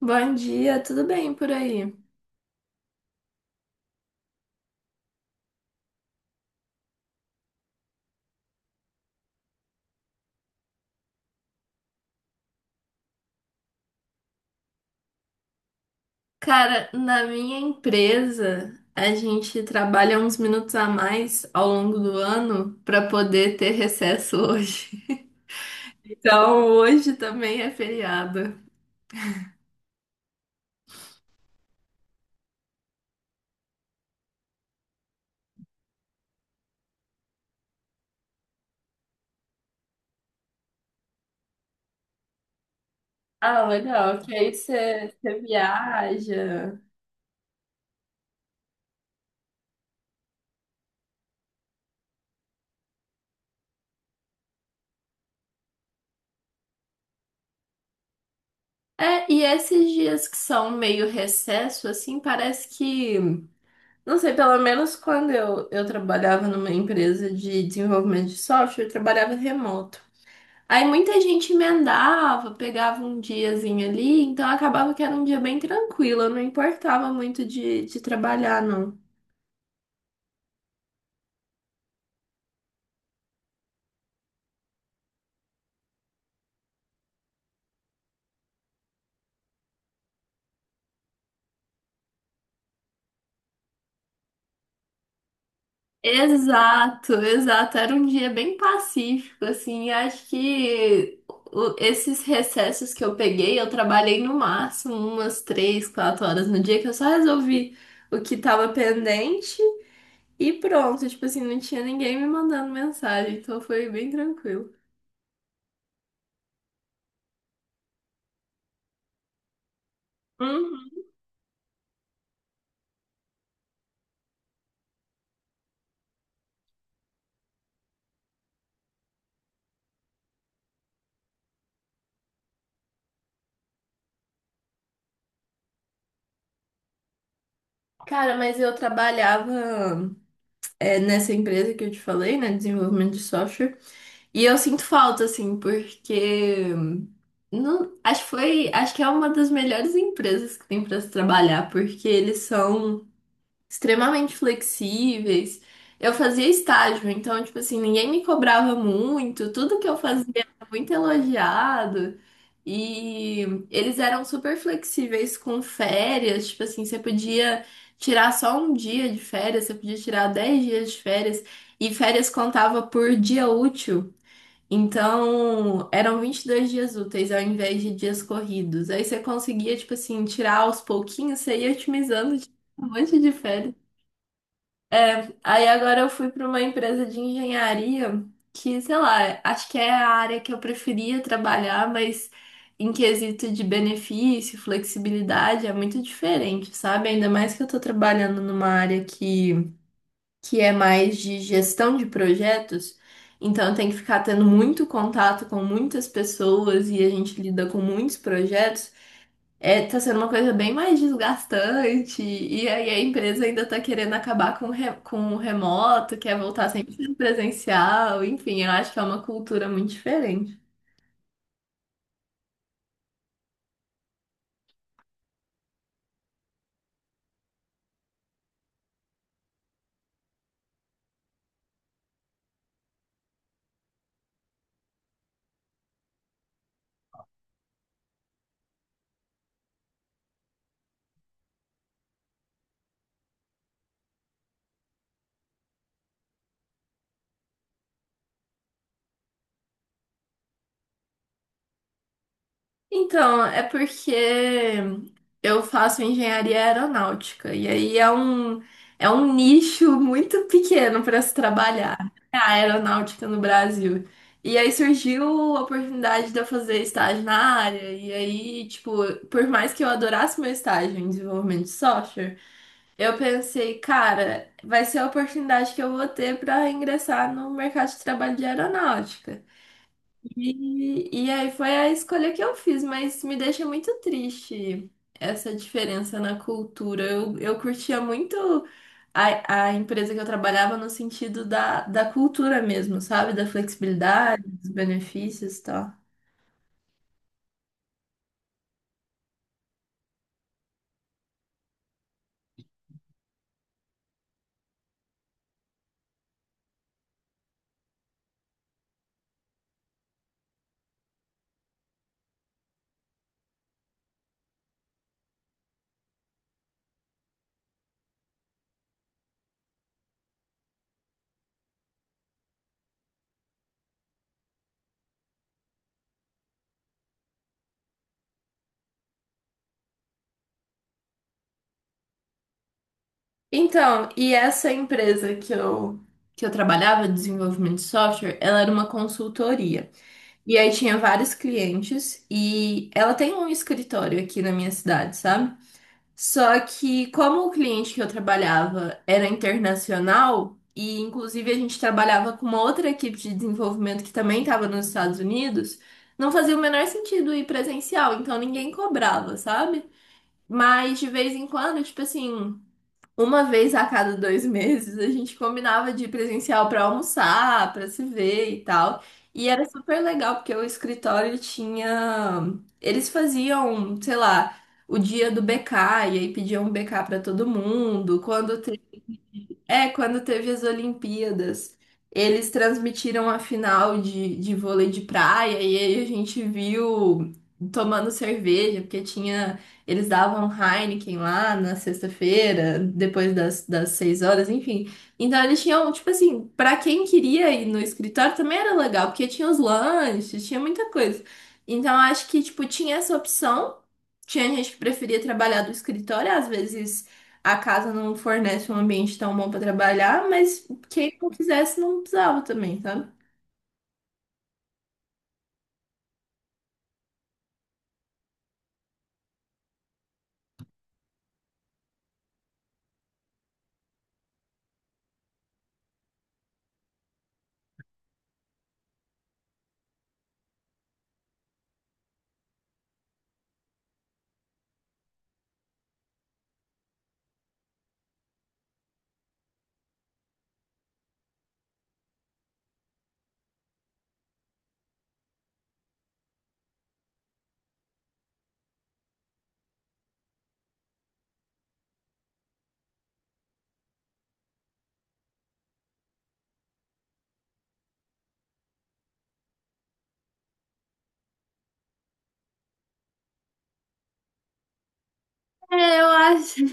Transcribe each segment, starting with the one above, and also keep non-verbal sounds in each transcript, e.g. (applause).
Bom dia, tudo bem por aí? Cara, na minha empresa, a gente trabalha uns minutos a mais ao longo do ano para poder ter recesso hoje. (laughs) Então, hoje também é feriado. Ah, legal, que aí você viaja. É, e esses dias que são meio recesso, assim, parece que. Não sei, pelo menos quando eu trabalhava numa empresa de desenvolvimento de software, eu trabalhava remoto. Aí muita gente emendava, pegava um diazinho ali, então acabava que era um dia bem tranquilo, eu não importava muito de trabalhar, não. Exato, exato, era um dia bem pacífico, assim, acho que esses recessos que eu peguei, eu trabalhei no máximo umas 3, 4 horas no dia, que eu só resolvi o que tava pendente e pronto, tipo assim, não tinha ninguém me mandando mensagem, então foi bem tranquilo. Uhum. Cara, mas eu trabalhava. É, nessa empresa que eu te falei, né, desenvolvimento de software. E eu sinto falta, assim, porque não, acho que foi, acho que é uma das melhores empresas que tem para se trabalhar, porque eles são extremamente flexíveis. Eu fazia estágio, então, tipo assim, ninguém me cobrava muito, tudo que eu fazia era muito elogiado. E eles eram super flexíveis com férias, tipo assim, você podia tirar só um dia de férias, você podia tirar 10 dias de férias, e férias contava por dia útil. Então, eram 22 dias úteis ao invés de dias corridos. Aí você conseguia, tipo assim, tirar aos pouquinhos, você ia otimizando um monte de férias. Aí agora eu fui para uma empresa de engenharia que, sei lá, acho que é a área que eu preferia trabalhar, mas em quesito de benefício, flexibilidade, é muito diferente, sabe? Ainda mais que eu tô trabalhando numa área que é mais de gestão de projetos, então eu tenho que ficar tendo muito contato com muitas pessoas e a gente lida com muitos projetos. É, tá sendo uma coisa bem mais desgastante, e aí a empresa ainda tá querendo acabar com, com o remoto, quer voltar sempre presencial, enfim, eu acho que é uma cultura muito diferente. Então, é porque eu faço engenharia aeronáutica e aí é um nicho (laughs) muito pequeno para se trabalhar, né, a aeronáutica no Brasil. E aí surgiu a oportunidade de eu fazer estágio na área. E aí, tipo, por mais que eu adorasse meu estágio em desenvolvimento de software, eu pensei, cara, vai ser a oportunidade que eu vou ter para ingressar no mercado de trabalho de aeronáutica. E aí foi a escolha que eu fiz, mas me deixa muito triste essa diferença na cultura. Eu curtia muito a empresa que eu trabalhava no sentido da cultura mesmo, sabe? Da flexibilidade, dos benefícios e tal. Então, e essa empresa que eu trabalhava, desenvolvimento de software, ela era uma consultoria. E aí tinha vários clientes e ela tem um escritório aqui na minha cidade, sabe? Só que como o cliente que eu trabalhava era internacional, e inclusive a gente trabalhava com uma outra equipe de desenvolvimento que também estava nos Estados Unidos, não fazia o menor sentido ir presencial, então ninguém cobrava, sabe? Mas de vez em quando, tipo assim, uma vez a cada 2 meses a gente combinava de ir presencial para almoçar, para se ver e tal. E era super legal porque o escritório tinha. Eles faziam, sei lá, o dia do BK, e aí pediam um BK para todo mundo. Quando é, quando teve as Olimpíadas, eles transmitiram a final de vôlei de praia e aí a gente viu tomando cerveja, porque tinha, eles davam Heineken lá na sexta-feira, depois das 6 horas, enfim. Então eles tinham, tipo assim, pra quem queria ir no escritório também era legal, porque tinha os lanches, tinha muita coisa. Então acho que, tipo, tinha essa opção. Tinha gente que preferia trabalhar do escritório, às vezes. A casa não fornece um ambiente tão bom para trabalhar, mas quem não quisesse não precisava também, sabe? É, eu acho.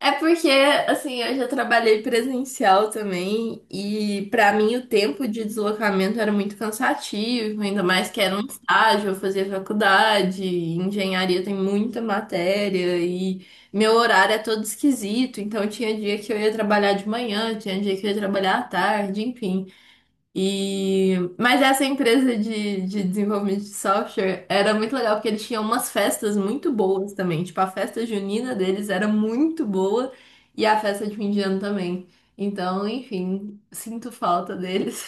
É porque, assim, eu já trabalhei presencial também e pra mim o tempo de deslocamento era muito cansativo, ainda mais que era um estágio, eu fazia faculdade, engenharia tem muita matéria e meu horário é todo esquisito, então tinha dia que eu ia trabalhar de manhã, tinha dia que eu ia trabalhar à tarde, enfim. E... Mas essa empresa de desenvolvimento de software era muito legal, porque eles tinham umas festas muito boas também. Tipo, a festa junina deles era muito boa e a festa de fim de ano também. Então, enfim, sinto falta deles.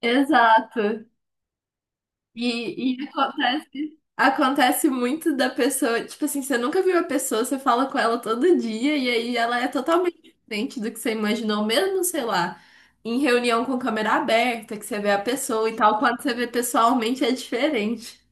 (laughs) Exato. E acontece. Acontece muito da pessoa, tipo assim, você nunca viu a pessoa, você fala com ela todo dia e aí ela é totalmente diferente do que você imaginou, mesmo, sei lá, em reunião com câmera aberta, que você vê a pessoa e tal, quando você vê pessoalmente é diferente.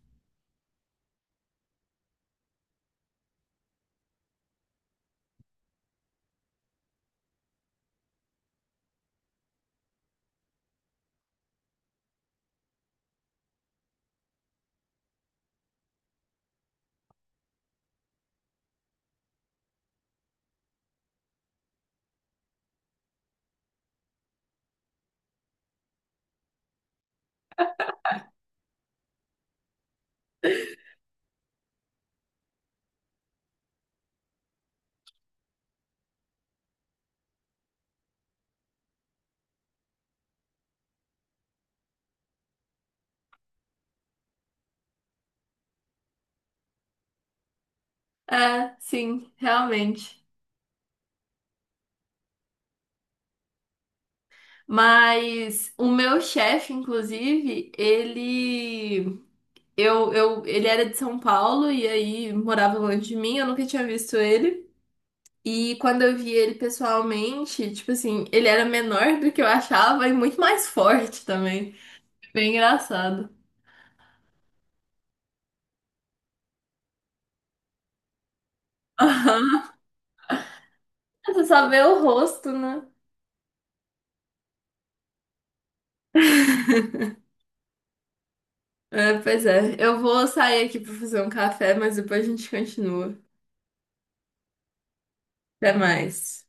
É, sim, realmente. Mas o meu chefe, inclusive, ele eu ele era de São Paulo e aí morava longe de mim, eu nunca tinha visto ele. E quando eu vi ele pessoalmente, tipo assim, ele era menor do que eu achava e muito mais forte também. Bem engraçado. (laughs) Aham. Você só vê o rosto, né? (laughs) É, pois é. Eu vou sair aqui pra fazer um café, mas depois a gente continua. Até mais.